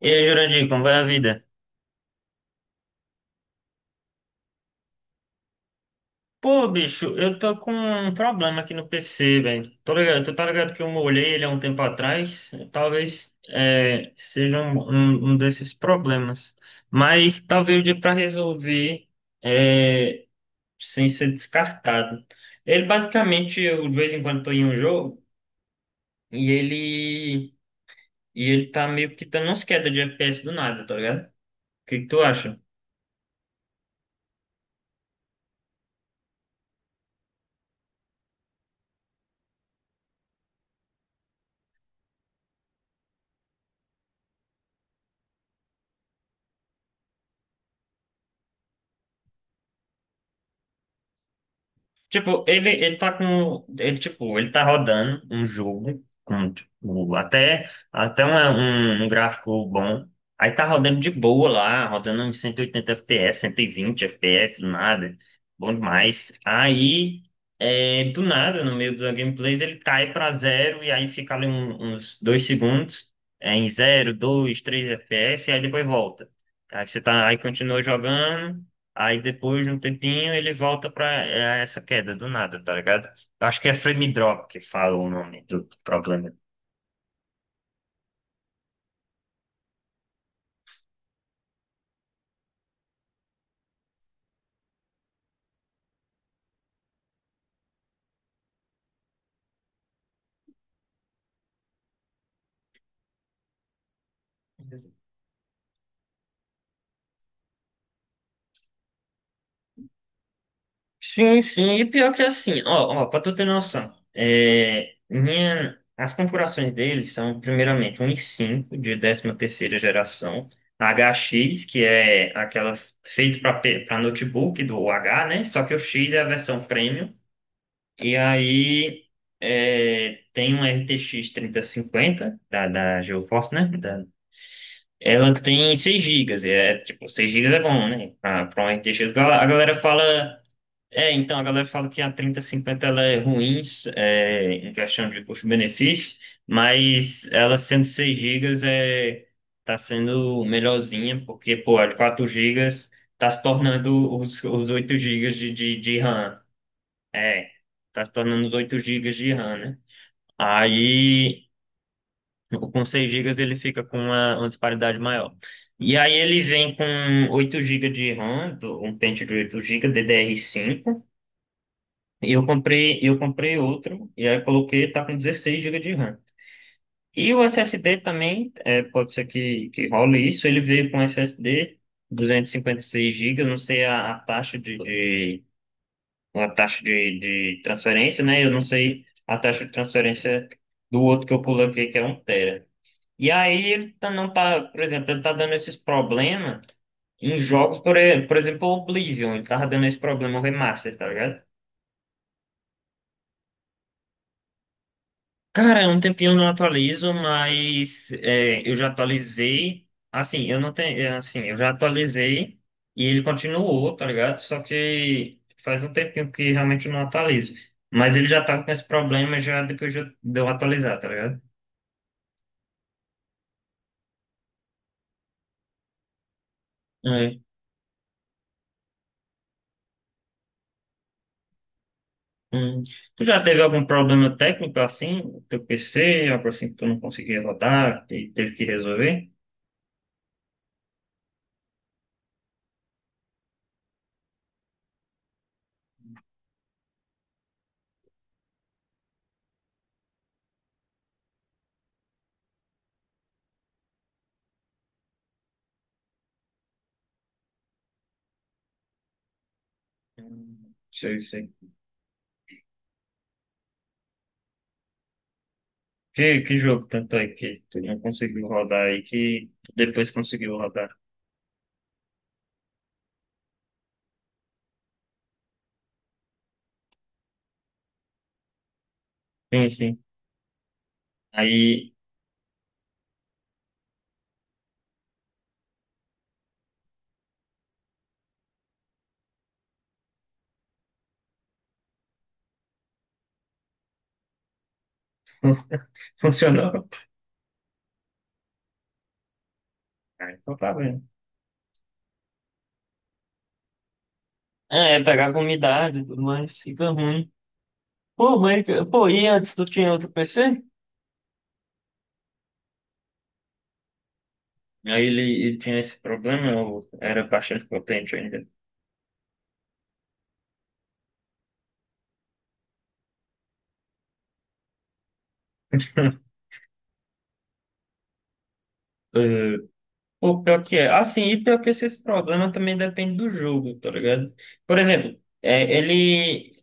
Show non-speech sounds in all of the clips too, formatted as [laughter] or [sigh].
E aí, Jurandir, como vai a vida? Pô, bicho, eu tô com um problema aqui no PC, velho. Tô ligado, tu tá ligado que eu molhei ele há um tempo atrás? Talvez seja um desses problemas. Mas talvez dê pra resolver é, sem ser descartado. Ele basicamente, eu de vez em quando tô em um jogo e ele, e ele tá meio que dando umas quedas de FPS do nada, tá ligado? O que que tu acha? Tipo, ele tá com. Tipo, ele tá rodando um jogo com, tipo, até um gráfico bom. Aí tá rodando de boa lá, rodando uns 180 FPS, 120 FPS, do nada. Bom demais. Aí, do nada, no meio da gameplay, ele cai pra zero e aí fica ali uns dois segundos, em zero, dois, três FPS, e aí depois volta. Aí continua jogando. Aí depois de um tempinho ele volta pra essa queda do nada, tá ligado? Eu acho que é frame drop que fala o nome do problema. Sim, sim, e pior que é assim, ó, ó, pra tu ter noção, as configurações deles são, primeiramente, um i5 de 13ª geração, HX, que é aquela feita para notebook do H, né? Só que o X é a versão premium. E aí tem uma RTX cinquenta da GeForce, né? Ela tem 6 gigas. É, tipo, 6 gigas é bom, né? Pra uma RTX. A galera fala. É, então, a galera fala que a 3050 ela é ruim em questão de custo-benefício, mas ela sendo 6 gigas tá sendo melhorzinha, porque, pô, a de 4 gigas tá se tornando os 8 gigas de RAM. É, tá se tornando os 8 gigas de RAM, né? Aí, com 6 gigas ele fica com uma disparidade maior. E aí ele vem com 8 gigas de RAM, um pente de 8 GB DDR5. E eu comprei outro, e aí coloquei, tá com 16 gigas de RAM. E o SSD também, pode ser que role isso, ele veio com SSD seis gigas, não sei a uma taxa de transferência, né? Eu não sei a taxa de transferência do outro que eu coloquei, que é um tera. E aí ele não tá, por exemplo, ele tá dando esses problemas em jogos, por exemplo, o Oblivion, ele tava dando esse problema no remaster, tá ligado? Cara, é um tempinho eu não atualizo, mas eu já atualizei. Assim, eu não tenho. Assim, eu já atualizei e ele continuou, tá ligado? Só que faz um tempinho que realmente eu não atualizo. Mas ele já tava com esse problema já depois de eu atualizar, tá ligado? É. Hum. Tu já teve algum problema técnico assim? No teu PC, algo assim que tu não conseguia rodar e teve que resolver? Sei, sei. Que jogo tanto é que tu não conseguiu rodar aí que tu depois conseguiu rodar? Enfim, aí [laughs] funcionou. Ah, então tá vendo. É pegar com umidade e tudo mais, fica ruim. Pô, mas, pô, e antes tu tinha outro PC? Aí ele tinha esse problema, eu era bastante potente ainda. Eh, Pô, pior que é. Assim, e pior que esse problema também depende do jogo, tá ligado? Por exemplo, ele.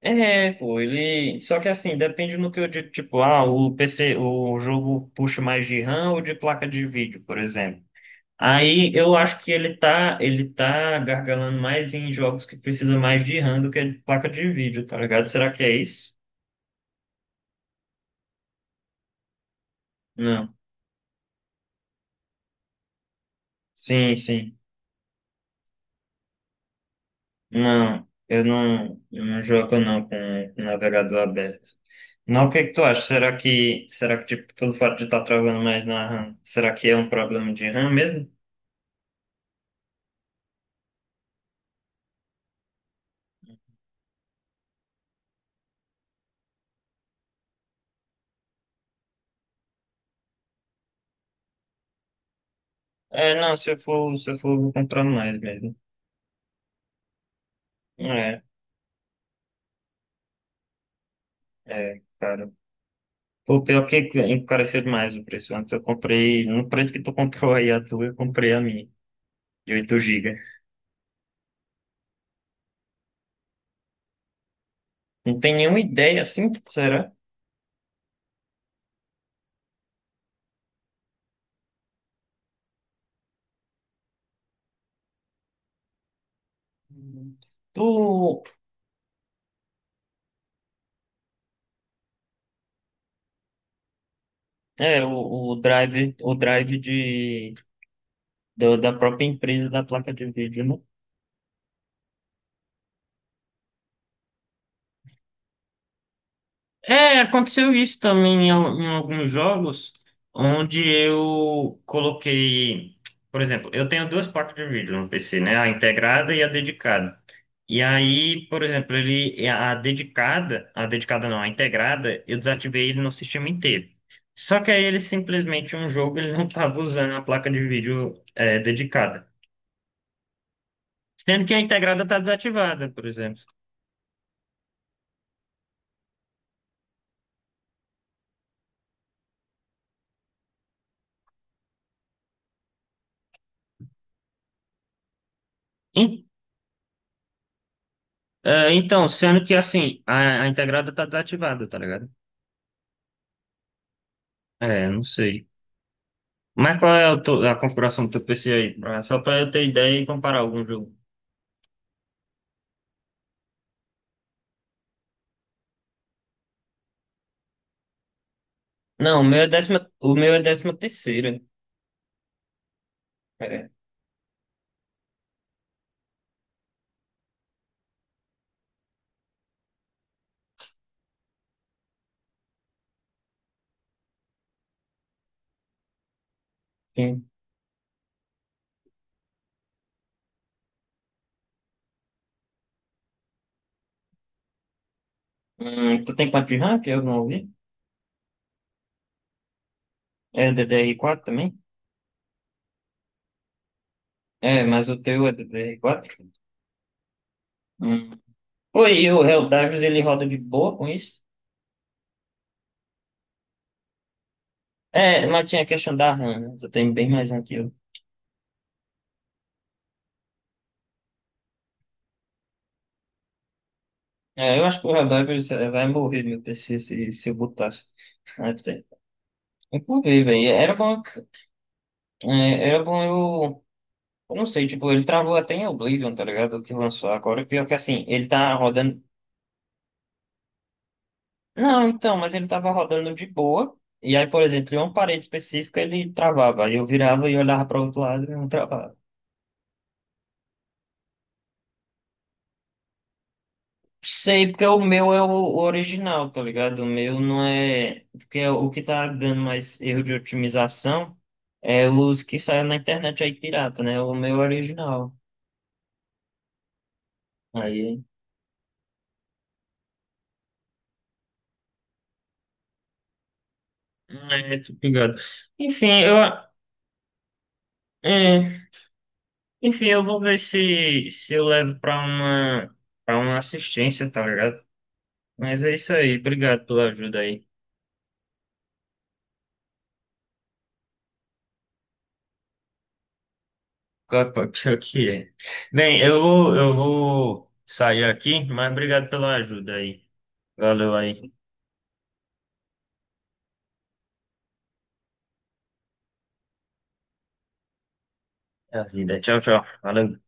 É, pô, ele. Só que assim, depende no que eu digo, tipo, ah, o PC, o jogo puxa mais de RAM ou de placa de vídeo, por exemplo. Aí eu acho que ele tá gargalando mais em jogos que precisam mais de RAM do que de placa de vídeo, tá ligado? Será que é isso? Não. Sim, sim. Não, eu não jogo não com o navegador aberto. Não, o que que tu acha? Será que tipo, pelo fato de estar travando mais na RAM, será que é um problema de RAM mesmo? É, não, se eu for, eu vou comprar mais mesmo. É, é, cara. Pô, pior que encareceu demais o preço. Antes eu comprei, no preço que tu comprou aí a tua, eu comprei a minha, de oito gigas. Não tem nenhuma ideia assim, será? Hum. Tu, é, o, o drive da própria empresa da placa de vídeo, né? É, aconteceu isso também em alguns jogos, onde eu coloquei, por exemplo, eu tenho duas placas de vídeo no PC, né? A integrada e a dedicada. E aí, por exemplo, ele, a dedicada não, a integrada, eu desativei ele no sistema inteiro. Só que aí ele simplesmente, um jogo, ele não estava usando a placa de vídeo dedicada. Sendo que a integrada está desativada, por exemplo. En- Então, sendo que assim, a integrada está desativada, tá ligado? É, não sei. Mas qual é a configuração do teu PC aí? Só pra eu ter ideia e comparar algum jogo. Não, o meu é décima, o meu é décima terceira. É, sim. Tu tem quanto de RAM que eu não ouvi? É D D DDR4 também? É, mas o teu é DDR4? Hum. Pô, e o Helldivers ele roda de boa com isso? É, mas tinha a questão da RAM, né? Tu tem bem mais RAM que eu. É, eu acho que o Helldivers vai morrer meu PC se eu botasse. Até. Inclusive, velho, era bom eu. Eu não sei, tipo, ele travou até em Oblivion, tá ligado? O que lançou agora. Pior que assim, ele tá rodando. Não, então, mas ele tava rodando de boa. E aí, por exemplo, em uma parede específica ele travava. Aí eu virava e olhava pra outro lado e não travava. Sei, porque o meu é o original, tá ligado? O meu não é. Porque é o que tá dando mais erro de otimização é os que saem na internet aí pirata, né? O meu é original. Aí. É, tô ligado. Enfim, eu. É. Enfim, eu vou ver se eu levo pra uma assistência, tá ligado? Mas é isso aí, obrigado pela ajuda aí. Claro, pô. Pior que é. Bem, eu vou sair aqui, mas obrigado pela ajuda aí. Valeu aí, é a vida. Tchau, tchau. Valeu.